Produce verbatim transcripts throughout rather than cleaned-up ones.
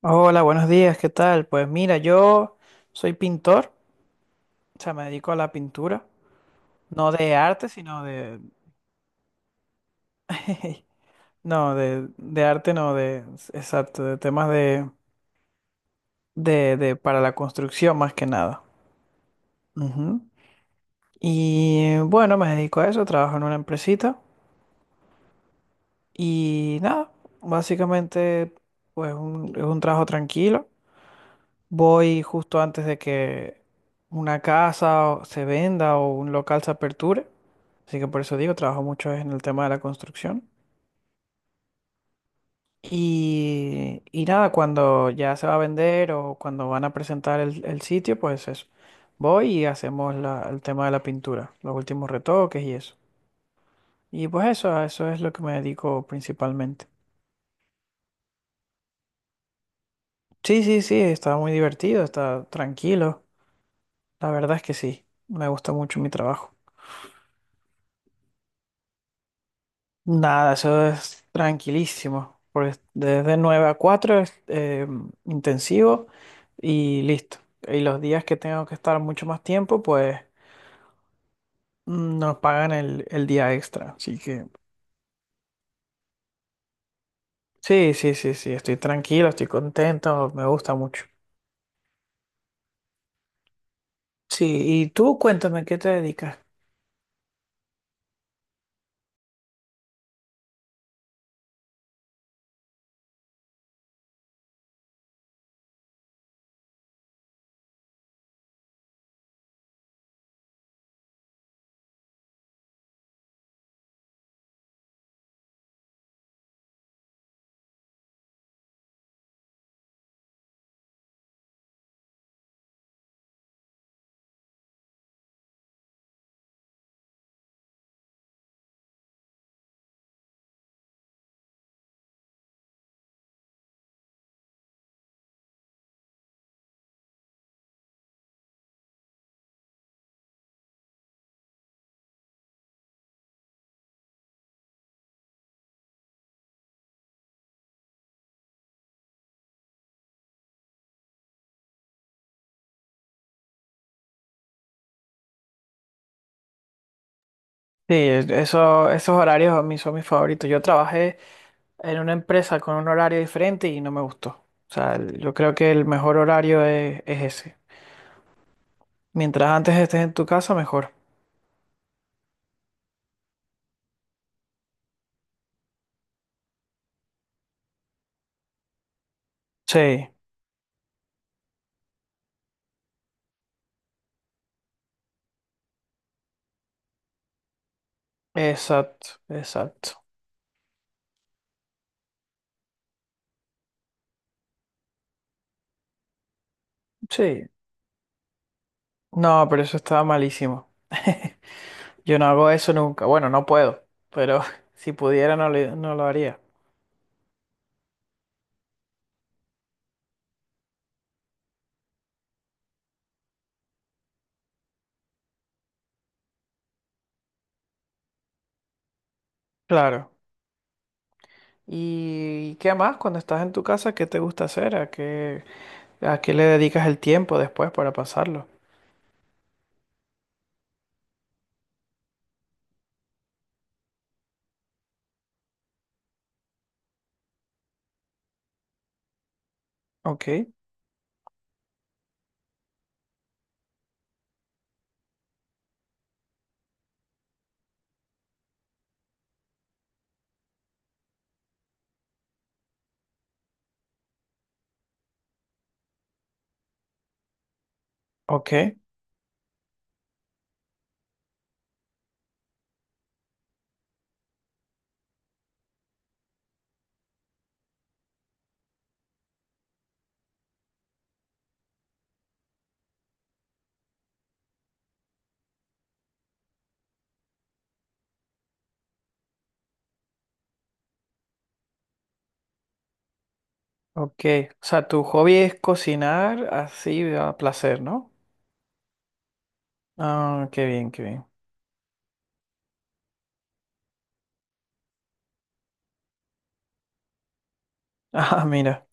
Hola, buenos días, ¿qué tal? Pues mira, yo soy pintor, o sea, me dedico a la pintura, no de arte, sino de... No, de, de arte, no, de... Exacto, de temas de, de, de- para la construcción más que nada. Ujú. Y bueno, me dedico a eso, trabajo en una empresita y nada, básicamente pues un- es un trabajo tranquilo. Voy justo antes de que una casa o- se venda o un local se aperture. Así que por eso digo, trabajo mucho en el tema de la construcción. Y, y nada, cuando ya se va a vender o cuando van a presentar el, el sitio, pues eso. Voy y hacemos la- el tema de la pintura, los últimos retoques y eso. Y pues eso, a eso es lo que me dedico principalmente. Sí, sí, sí, está muy divertido, está tranquilo. La verdad es que sí, me gusta mucho mi trabajo. Nada, eso es tranquilísimo. Porque desde nueve a cuatro es eh, intensivo y listo. Y los días que tengo que estar mucho más tiempo, pues mm, nos pagan el, el día extra. Así que sí, sí, sí, sí, estoy tranquilo, estoy contento, me gusta mucho. Sí, y tú cuéntame, ¿qué te dedicas? Sí, eso, esos horarios a mí son mis favoritos. Yo trabajé en una empresa con un horario diferente y no me gustó. O sea, el- yo creo que el mejor horario es, es ese. Mientras antes estés en tu casa, mejor. Sí, exacto, exacto. Sí. No, pero eso estaba malísimo. Yo no hago eso nunca. Bueno, no puedo, pero si pudiera no, le- no lo haría. Claro. ¿Y qué más? Cuando estás en tu casa, ¿qué te gusta hacer? ¿A qué, a qué le dedicas el tiempo después para pasarlo? Ok, ok, ok. O sea, tu hobby es cocinar así a placer, ¿no? Ah, qué bien, qué bien. Ah, mira,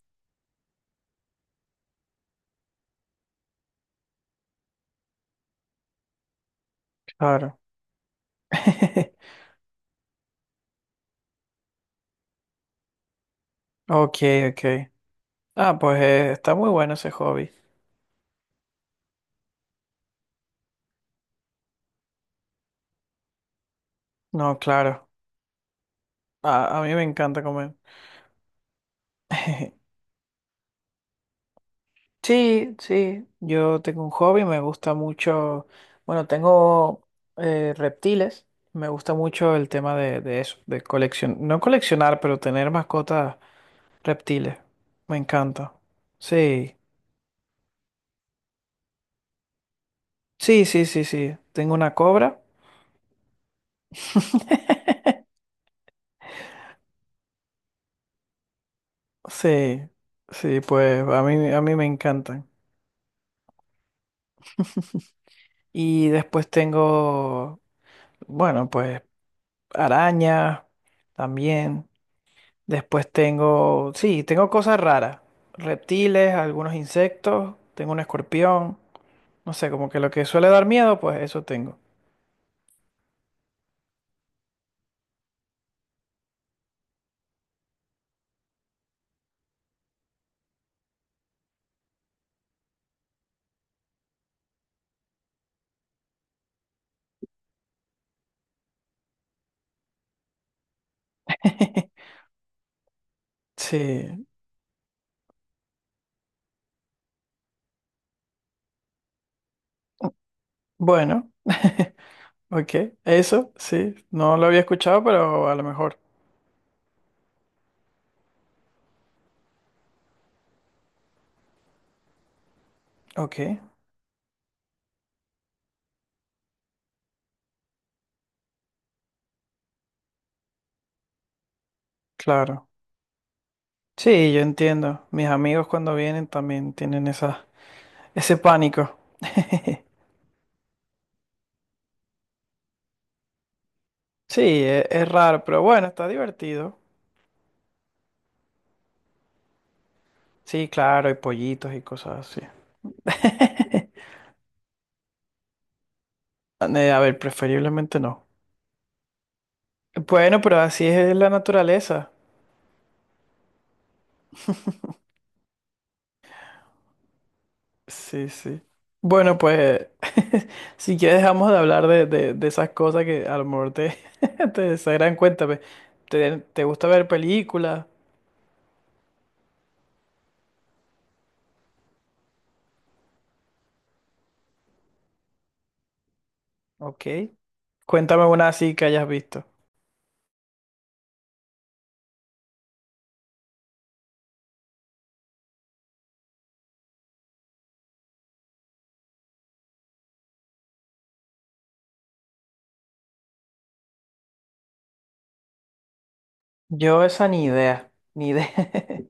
claro. Ok, ok. Ah, pues eh, está muy bueno ese hobby. No, claro. A, a mí me encanta comer. Sí, sí. Yo tengo un hobby, me gusta mucho. Bueno, tengo eh, reptiles. Me gusta mucho el tema de, de eso, de coleccionar. No coleccionar, pero tener mascotas reptiles. Me encanta. Sí. Sí, sí, sí, sí. Tengo una cobra. Sí, sí, pues a mí, a mí me encantan. Y después tengo, bueno, pues arañas también. Después tengo, sí, tengo cosas raras. Reptiles, algunos insectos, tengo un escorpión. No sé, como que lo que suele dar miedo, pues eso tengo. Sí, bueno, ok, eso, sí. No lo había escuchado, pero a lo mejor. Ok, claro. Sí, yo entiendo. Mis amigos cuando vienen también tienen esa, ese pánico. Sí, e- es raro, pero bueno, está divertido. Sí, claro, y pollitos y cosas así. Eh, A ver, preferiblemente no. Bueno, pero así es la naturaleza. Sí, sí. Bueno, pues si ya dejamos de hablar de, de- de esas cosas que a lo mejor te, te desagran, cuéntame. ¿Te, te gusta ver películas? Ok. Cuéntame una así que hayas visto. Yo esa ni idea, ni idea.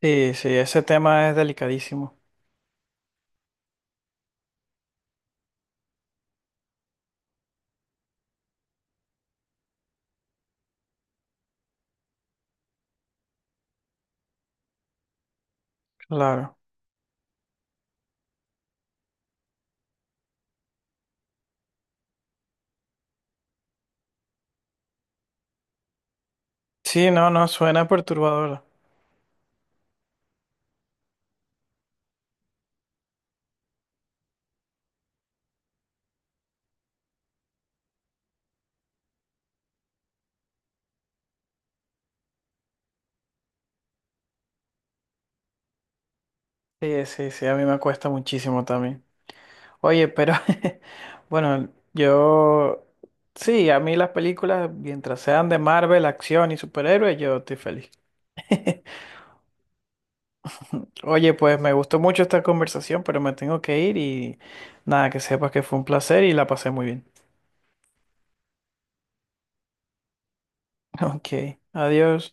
Sí, sí, ese tema es delicadísimo. Claro. Sí, no, no, suena perturbador. Sí, sí, sí, a mí me cuesta muchísimo también. Oye, pero bueno, yo sí, a mí las películas, mientras sean de Marvel, acción y superhéroes, yo estoy feliz. Oye, pues me gustó mucho esta conversación, pero me tengo que ir y nada, que sepas que fue un placer y la pasé muy bien. Ok, adiós.